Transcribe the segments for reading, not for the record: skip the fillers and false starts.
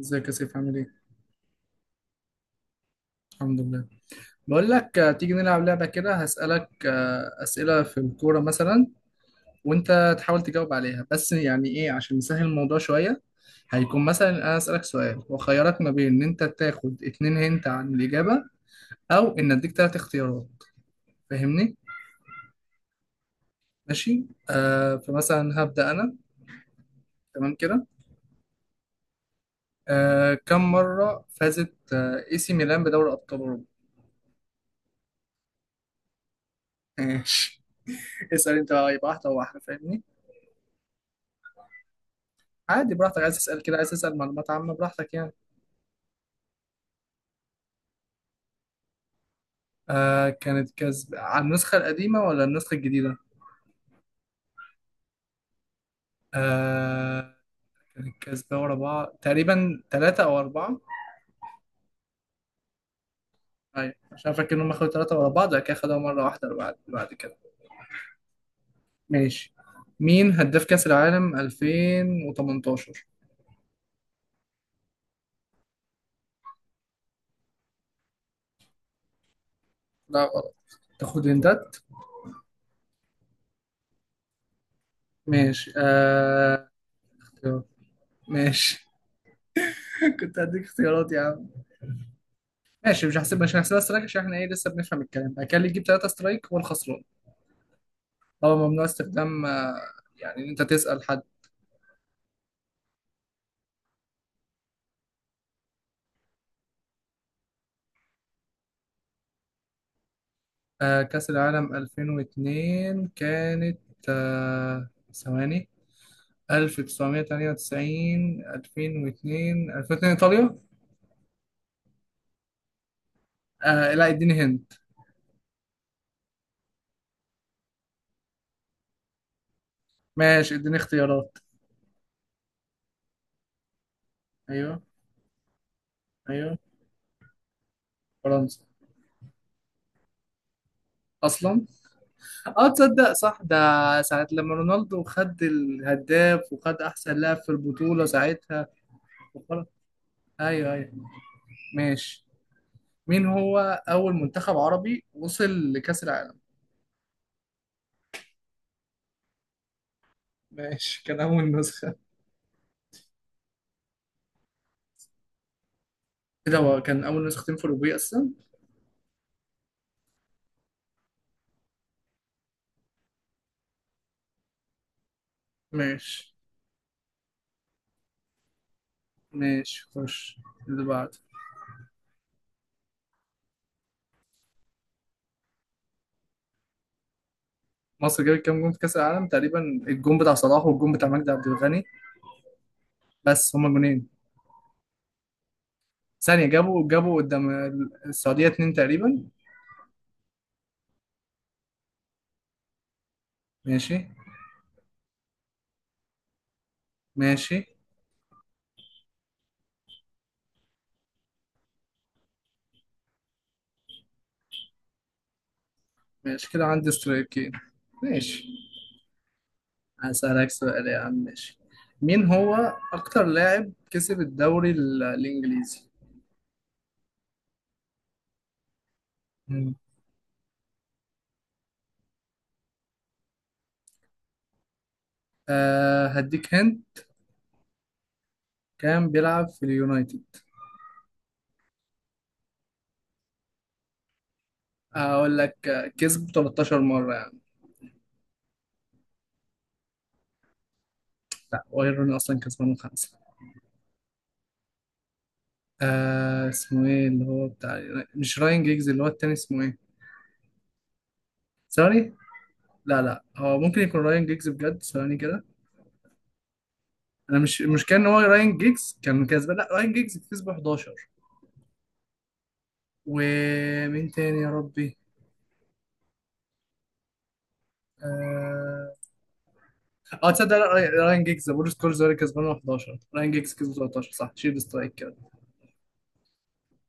ازيك يا سيف عامل ايه؟ الحمد لله. بقول لك تيجي نلعب لعبة كده. هسألك أسئلة في الكورة مثلا، وانت تحاول تجاوب عليها. بس يعني ايه؟ عشان نسهل الموضوع شوية، هيكون مثلا انا أسألك سؤال واخيرك ما بين ان انت تاخد اتنين هنت عن الإجابة او ان اديك تلات اختيارات. فاهمني؟ ماشي؟ فمثلا هبدأ انا. تمام كده؟ كم مرة فازت اي سي ميلان بدوري أبطال أوروبا؟ ماشي. اسأل انت بقى، يبقى واحدة واحدة. فاهمني؟ عادي براحتك. عايز تسأل كده، عايز تسأل معلومات عامة براحتك يعني. كانت كسب على النسخة القديمة ولا النسخة الجديدة؟ آه كانت كسبة ورا بعض تقريبا ثلاثة أو أربعة. أيوة، عشان فاكر إنهم أخدوا ثلاثة ورا بعض بعد كده خدوها مرة واحدة بعد كده. ماشي. مين هداف كأس العالم 2018؟ لا غلط. تاخد هنتات؟ ماشي اختيار. ماشي. كنت هديك اختيارات يا عم. ماشي، مش هحسبها سترايك عشان احنا ايه لسه بنفهم الكلام. بعد كده اللي يجيب ثلاثة سترايك هو الخسران. اه، ممنوع استخدام يعني ان انت تسأل حد. كأس العالم 2002 كانت ثواني. 1998 2002 2002 ايطاليا. لا، اديني هند. ماشي، اديني اختيارات. ايوه. ايوه. فرنسا. اصلا. اه، تصدق صح ده. ساعة لما رونالدو خد الهداف وخد احسن لاعب في البطولة ساعتها. وخلاص. ايوه، ايوه. ماشي. مين هو اول منتخب عربي وصل لكأس العالم؟ ماشي، كان أول نسخة؟ كده هو كان أول نسختين في الأوروبية أصلا. ماشي. ماشي، خش اللي بعده. مصر جابت كام جون في كأس العالم تقريبا؟ الجون بتاع صلاح والجون بتاع مجدي عبد الغني. بس هما جونين. ثانية. جابوا قدام. السعودية اتنين تقريبا. ماشي. ماشي. ماشي، كده عندي سترايكين. ماشي. هسألك سؤال يا عم ماشي. مين هو أكتر لاعب كسب الدوري الإنجليزي؟ مم. هديك هند. كان بيلعب في اليونايتد. اقول لك كسب 13 مره يعني. لا، واير روني اصلا كسبان خمسه. اسمه ايه اللي هو بتاع، مش راين جيجز. اللي هو التاني اسمه ايه؟ ساري. لا لا، هو ممكن يكون راين جيجز بجد. ثواني كده. انا مش كان هو راين جيجز. كان كسبان، لا راين جيجز كسب 11. ومين تاني يا ربي؟ اه. تصدق، لا، راين جيجز بول سكولز هو اللي كسبان 11، راين جيجز كسب 13. صح، شيل سترايك كده.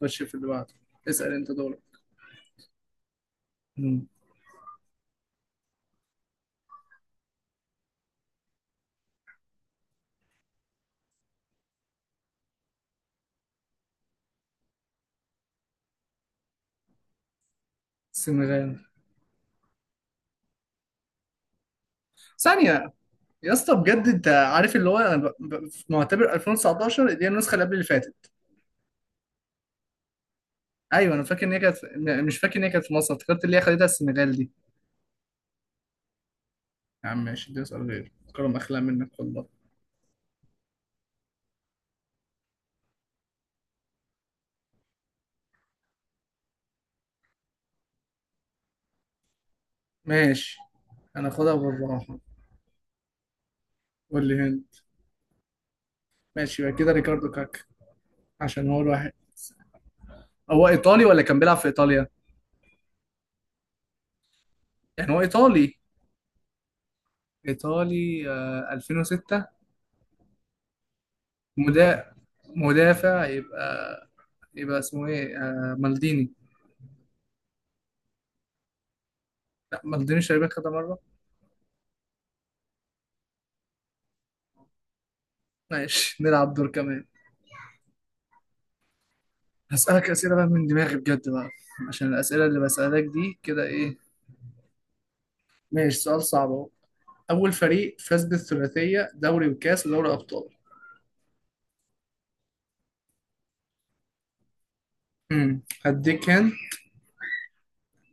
خش في اللي بعده. اسال انت دورك. مم. السنغال. ثانية. يا اسطى بجد انت عارف اللي هو انا في معتبر 2019 دي النسخه اللي قبل اللي فاتت. ايوه، انا فاكر ان هي كانت مش فاكر ان هي كانت في مصر. افتكرت اللي هي خدتها السنغال دي. يا عم ماشي، دي اسال غير كرم اخلاق منك والله. ماشي. انا خدها بالراحه. قول لي هند. ماشي، يبقى كده ريكاردو كاكا، عشان هو الواحد. هو ايطالي ولا كان بيلعب في ايطاليا؟ يعني هو ايطالي. ايطالي، 2006. مدا... مدافع يبقى. يبقى اسمه ايه؟ مالديني. لا، مالديني شايبك كده مره. ماشي، نلعب دور كمان. هسألك أسئلة بقى من دماغي بجد بقى، عشان الأسئلة اللي بسألك دي كده إيه. ماشي، سؤال صعب أهو. أول فريق فاز بالثلاثية، دوري وكاس ودوري أبطال. هديك هن.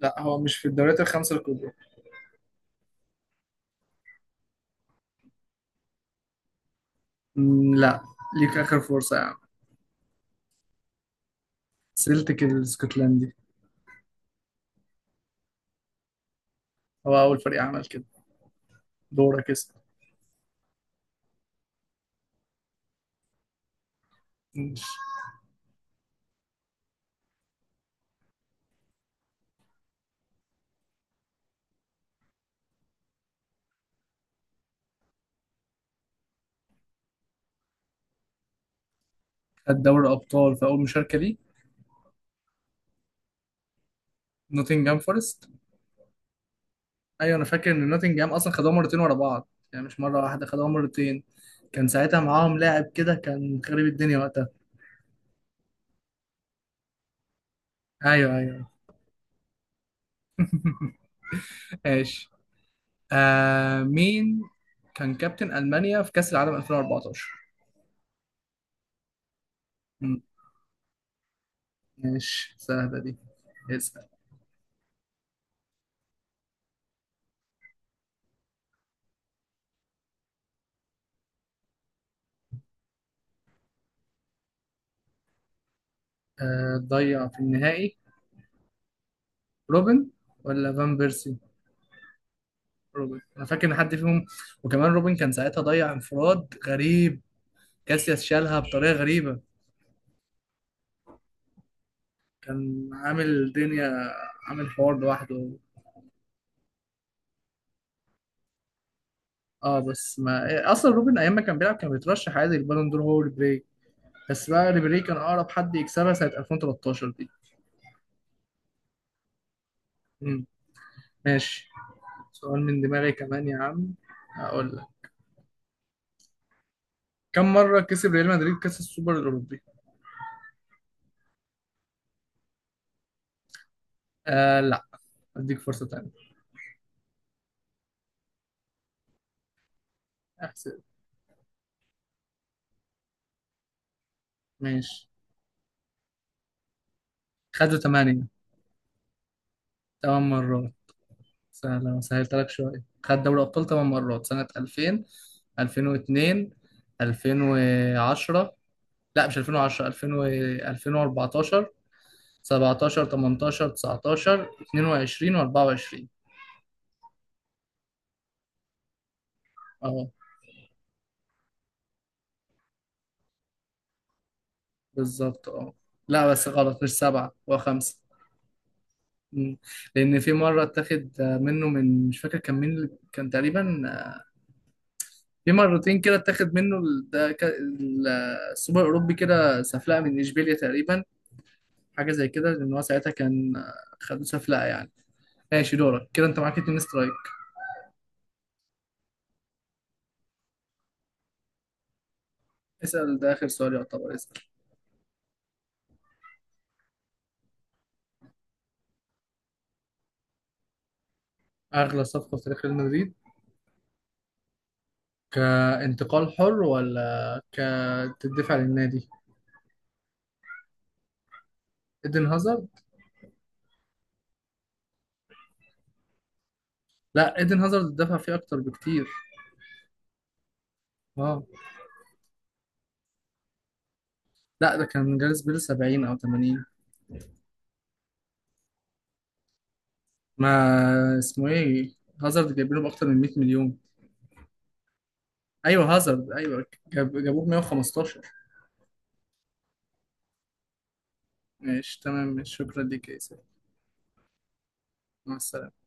لا، هو مش في الدوريات الخمسة الكبرى. مم، لا. ليك آخر فرصة يا عم. سيلتك الاسكتلندي، هو أول فريق عمل كده. دورك اسأل. ماشي. خد دوري أبطال في أول مشاركة ليه؟ نوتنجهام فورست. ايوه، انا فاكر ان نوتنجهام اصلا خدوها مرتين ورا بعض. يعني مش مره واحده، خدوها مرتين. كان ساعتها معاهم لاعب كده كان خريب الدنيا وقتها. ايوه، ايوه. ماشي. مين كان كابتن ألمانيا في كأس العالم 2014؟ مم. ماشي، سهله دي. اسال. ضيع في النهائي. روبن ولا فان بيرسي؟ روبن، انا فاكر ان حد فيهم. وكمان روبن كان ساعتها ضيع انفراد غريب. كاسياس شالها بطريقه غريبه. كان عامل الدنيا، عامل حوار لوحده. اه بس ما اصلا روبن ايام ما كان بيلعب كان بيترشح عادي للبالون دور. هو ريبيري، بس بقى ريبيري كان اقرب حد يكسبها سنة 2013 دي. امم ماشي، سؤال من دماغي كمان يا عم هقول لك. كم مرة كسب ريال مدريد كأس السوبر الأوروبي؟ لا، اديك فرصة تانية. احسب. ماشي، خدوا 8. 8 مرات. سهلة، ما سهلت لك شوية، خد دوري أبطال 8 مرات سنة 2000، 2002، 2010. لا مش 2010، 2000 و 2014، 17، 18، 19، 22 و24. اه، بالظبط اه. لا بس غلط مش سبعة، هو خمسة. مم. لأن في مرة اتاخد منه، من مش فاكر كان مين كان تقريبا. في مرتين كده اتاخد منه السوبر الأوروبي كده سفلقة من إشبيليا تقريبا. حاجة زي كده لأن هو ساعتها كان خدوه سفلقة يعني. ماشي، دورك كده. أنت معاك اتنين سترايك. اسأل، ده آخر سؤال يعتبر، اسأل. أغلى صفقة في تاريخ ريال مدريد، كانتقال حر ولا كتدفع للنادي؟ ايدن هازارد. لا، ايدن هازارد اتدفع فيه اكتر بكتير. اه. لا ده كان جاريث بيل 70 او 80. ما اسمه ايه، هازارد جايبينه باكتر من 100 مليون. ايوه هازارد، ايوه، جابوه ب 115. ماشي تمام ماشي. شكرا ليك يا اسلام. مع السلامة.